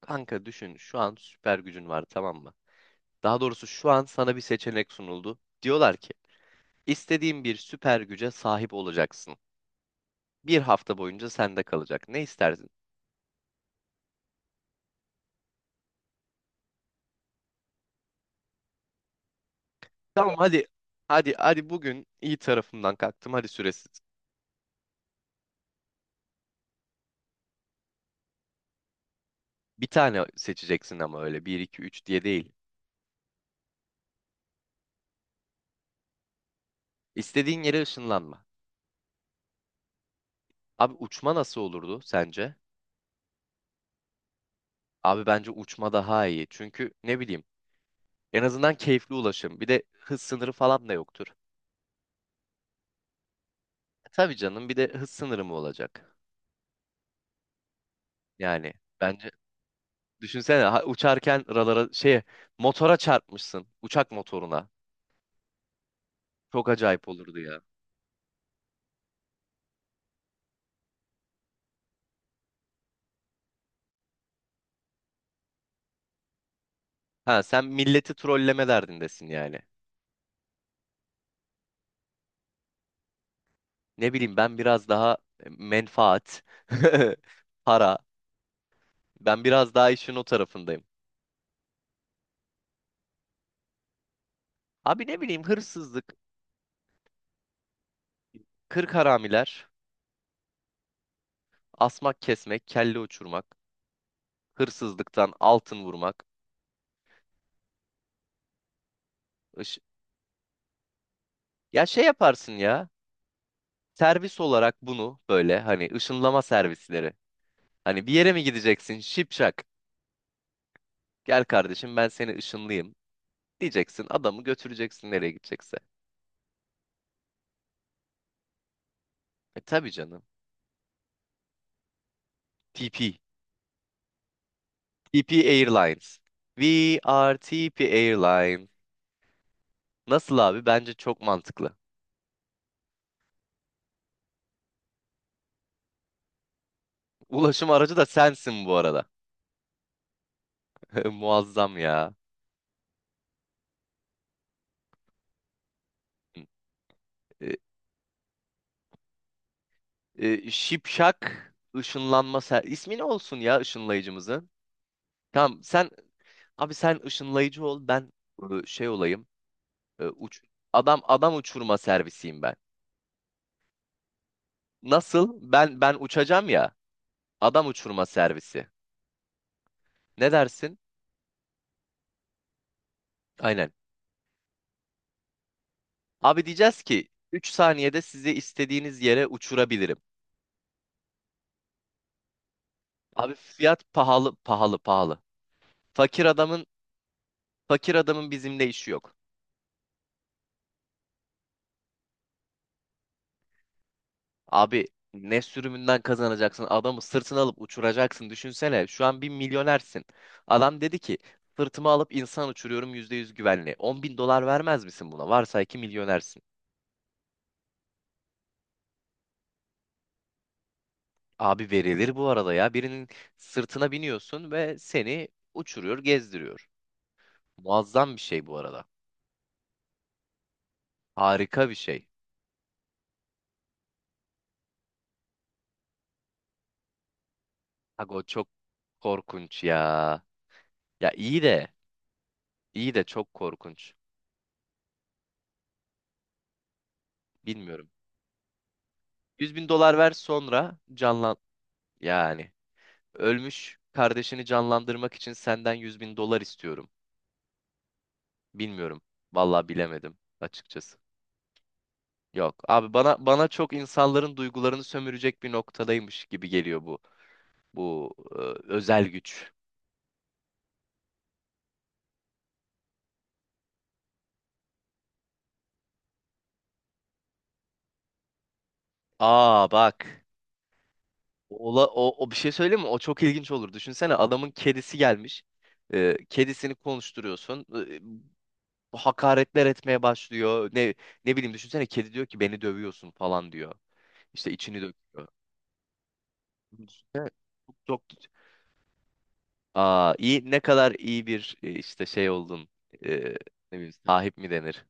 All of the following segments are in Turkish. Kanka düşün şu an süper gücün var, tamam mı? Daha doğrusu şu an sana bir seçenek sunuldu. Diyorlar ki istediğin bir süper güce sahip olacaksın. Bir hafta boyunca sende kalacak. Ne istersin? Tamam, hadi hadi hadi bugün iyi tarafımdan kalktım, hadi süresiz. Bir tane seçeceksin ama öyle bir 2 3 diye değil. İstediğin yere ışınlanma. Abi uçma nasıl olurdu sence? Abi bence uçma daha iyi. Çünkü ne bileyim, en azından keyifli ulaşım. Bir de hız sınırı falan da yoktur. Tabii canım, bir de hız sınırı mı olacak? Yani bence düşünsene, uçarken ralara şey motora çarpmışsın, uçak motoruna. Çok acayip olurdu ya. Ha, sen milleti trolleme derdindesin yani. Ne bileyim, ben biraz daha menfaat, para. Ben biraz daha işin o tarafındayım. Abi ne bileyim, hırsızlık, kırk haramiler, asmak kesmek, kelle uçurmak, hırsızlıktan altın vurmak. ış- Ya şey yaparsın ya. Servis olarak bunu böyle, hani ışınlama servisleri. Hani bir yere mi gideceksin şipşak? Gel kardeşim, ben seni ışınlayayım. Diyeceksin, adamı götüreceksin nereye gidecekse. E tabii canım. TP. TP Airlines. We are TP Airline. Nasıl abi? Bence çok mantıklı. Ulaşım aracı da sensin bu arada. Muazzam ya. E, Şipşak ışınlanma ser... İsmi ne olsun ya ışınlayıcımızın? Tamam sen, abi sen ışınlayıcı ol, ben şey olayım. Uç adam adam uçurma servisiyim ben. Nasıl? Ben uçacağım ya. Adam uçurma servisi. Ne dersin? Aynen. Abi diyeceğiz ki 3 saniyede sizi istediğiniz yere uçurabilirim. Abi fiyat pahalı pahalı pahalı. Fakir adamın fakir adamın bizimle işi yok. Abi ne sürümünden kazanacaksın? Adamı sırtına alıp uçuracaksın. Düşünsene şu an bir milyonersin. Adam dedi ki sırtıma alıp insan uçuruyorum, %100 güvenli. 10 bin dolar vermez misin buna? Varsay ki milyonersin. Abi verilir bu arada ya. Birinin sırtına biniyorsun ve seni uçuruyor, gezdiriyor. Muazzam bir şey bu arada. Harika bir şey. Ago, çok korkunç ya. Ya iyi de, iyi de çok korkunç. Bilmiyorum. 100 bin dolar ver, sonra canlan... Yani ölmüş kardeşini canlandırmak için senden 100 bin dolar istiyorum. Bilmiyorum. Vallahi bilemedim açıkçası. Yok abi, bana çok insanların duygularını sömürecek bir noktadaymış gibi geliyor bu. Bu özel güç. Aa, bak. Ola, o, o bir şey söyleyeyim mi? O çok ilginç olur. Düşünsene, adamın kedisi gelmiş. Kedisini konuşturuyorsun. Hakaretler etmeye başlıyor. Ne bileyim, düşünsene, kedi diyor ki beni dövüyorsun falan diyor. İşte içini döküyor. Düşünsene, çok, çok... Aa, iyi, ne kadar iyi bir işte şey oldun. E, ne bileyim, sahip mi denir?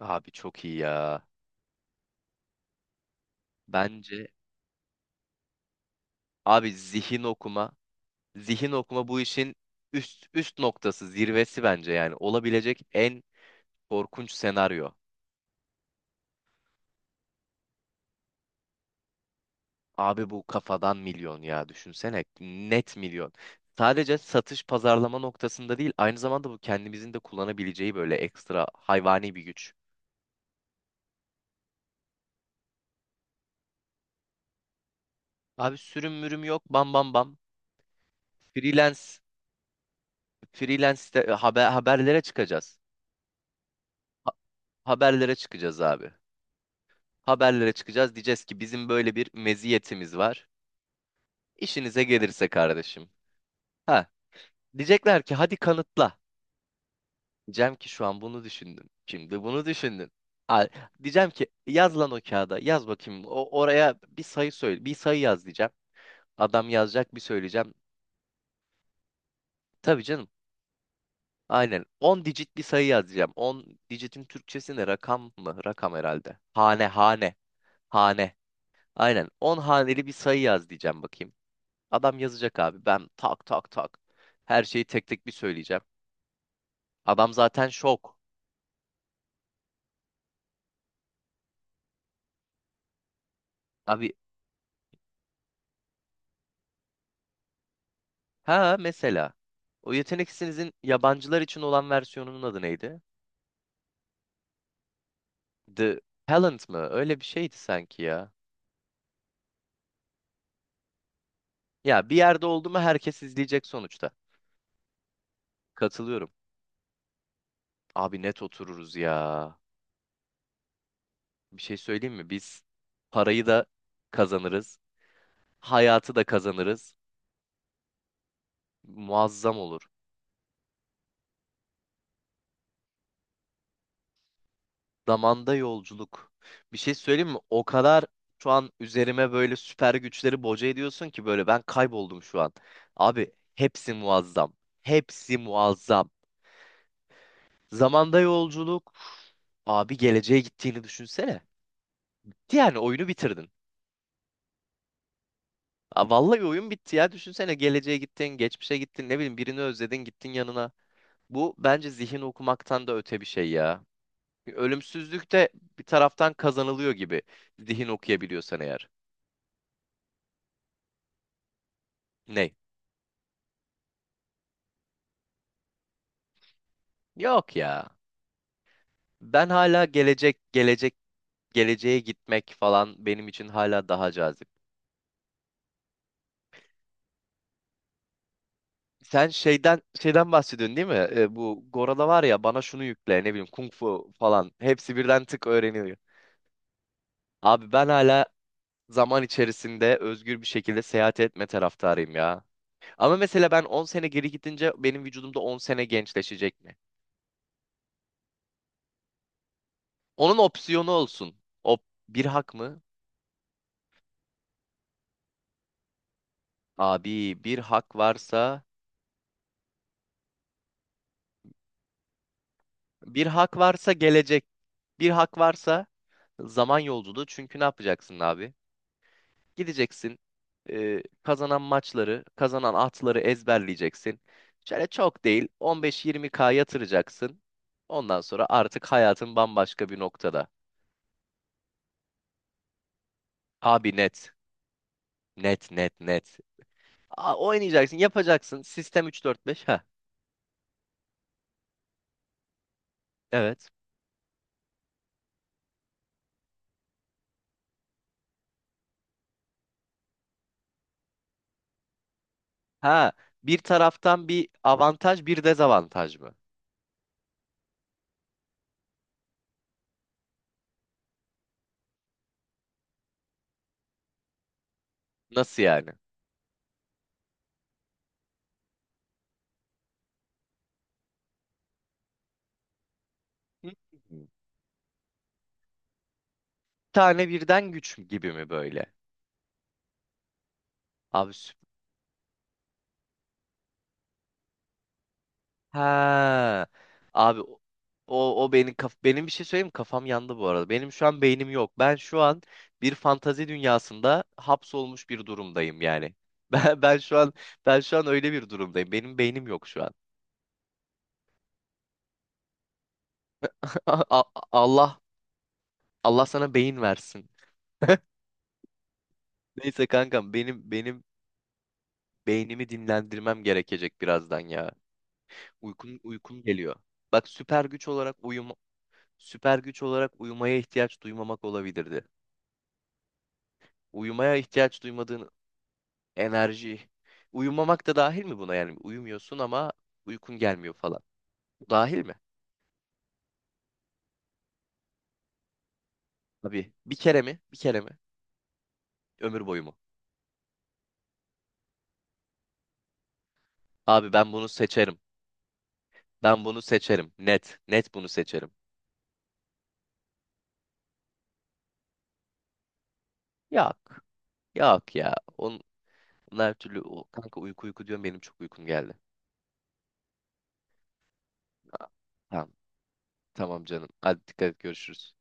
Abi çok iyi ya. Bence abi, zihin okuma bu işin üst noktası, zirvesi bence yani. Olabilecek en korkunç senaryo. Abi bu kafadan milyon ya, düşünsene. Net milyon. Sadece satış pazarlama noktasında değil, aynı zamanda bu kendimizin de kullanabileceği böyle ekstra hayvani bir güç. Abi sürüm mürüm yok, bam bam bam. Freelance haberlere çıkacağız. Ha- Haberlere çıkacağız abi. Haberlere çıkacağız. Diyeceğiz ki bizim böyle bir meziyetimiz var. İşinize gelirse kardeşim. Ha, diyecekler ki hadi kanıtla. Diyeceğim ki şu an bunu düşündüm. Şimdi bunu düşündüm. Al, diyeceğim ki yaz lan o kağıda. Yaz bakayım. Oraya bir sayı söyle. Bir sayı yaz diyeceğim. Adam yazacak, bir söyleyeceğim. Tabii canım. Aynen. 10 digit bir sayı yaz diyeceğim. 10 digitin Türkçesi ne? Rakam mı? Rakam herhalde. Hane. Aynen. 10 haneli bir sayı yaz diyeceğim bakayım. Adam yazacak abi. Ben tak tak tak. Her şeyi tek tek bir söyleyeceğim. Adam zaten şok. Abi, ha mesela. O Yetenek İşinizin yabancılar için olan versiyonunun adı neydi? The Talent mı? Öyle bir şeydi sanki ya. Ya bir yerde oldu mu herkes izleyecek sonuçta. Katılıyorum. Abi net otururuz ya. Bir şey söyleyeyim mi? Biz parayı da kazanırız. Hayatı da kazanırız. Muazzam olur. Zamanda yolculuk. Bir şey söyleyeyim mi? O kadar şu an üzerime böyle süper güçleri boca ediyorsun ki böyle ben kayboldum şu an. Abi hepsi muazzam. Hepsi muazzam. Zamanda yolculuk. Abi geleceğe gittiğini düşünsene. Bitti, yani oyunu bitirdin. Aa, vallahi oyun bitti ya. Düşünsene, geleceğe gittin, geçmişe gittin, ne bileyim birini özledin, gittin yanına. Bu bence zihin okumaktan da öte bir şey ya. Ölümsüzlük de bir taraftan kazanılıyor gibi. Zihin okuyabiliyorsan eğer. Ne? Yok ya. Ben hala geleceğe gitmek falan benim için hala daha cazip. Sen şeyden bahsediyorsun değil mi? E, bu Gora'da var ya, bana şunu yükle, ne bileyim kung fu falan, hepsi birden tık öğreniyor. Abi ben hala zaman içerisinde özgür bir şekilde seyahat etme taraftarıyım ya. Ama mesela ben 10 sene geri gidince benim vücudumda 10 sene gençleşecek mi? Onun opsiyonu olsun. O bir hak mı? Abi bir hak varsa, bir hak varsa gelecek. Bir hak varsa zaman yolculuğu. Çünkü ne yapacaksın abi? Gideceksin, e, kazanan maçları, kazanan atları ezberleyeceksin. Şöyle çok değil, 15-20K yatıracaksın. Ondan sonra artık hayatın bambaşka bir noktada. Abi net. Net net net. Oynayacaksın, yapacaksın. Sistem 3-4-5. Ha. Evet. Ha. Bir taraftan bir avantaj, bir dezavantaj mı? Nasıl yani? Hı. Tane birden güç mü gibi mi böyle? Abi süper. Ha. Abi, o o o beni kaf benim bir şey söyleyeyim mi? Kafam yandı bu arada. Benim şu an beynim yok. Ben şu an bir fantazi dünyasında hapsolmuş bir durumdayım yani. Ben ben şu an ben şu an öyle bir durumdayım. Benim beynim yok şu an. A- a- Allah Allah sana beyin versin. Neyse kankam, benim beynimi dinlendirmem gerekecek birazdan ya. Uykum uykum geliyor. Bak, süper güç olarak uyum... Süper güç olarak uyumaya ihtiyaç duymamak olabilirdi. Uyumaya ihtiyaç duymadığın enerji, uyumamak da dahil mi buna yani? Uyumuyorsun ama uykun gelmiyor falan. Bu dahil mi? Abi bir kere mi? Bir kere mi? Ömür boyu mu? Abi ben bunu seçerim. Ben bunu seçerim. Net. Net bunu seçerim. Yok. Yok ya. Onlar her türlü o, kanka, uyku uyku diyorum, benim çok uykum geldi. Tamam. Tamam canım. Hadi dikkat et, görüşürüz.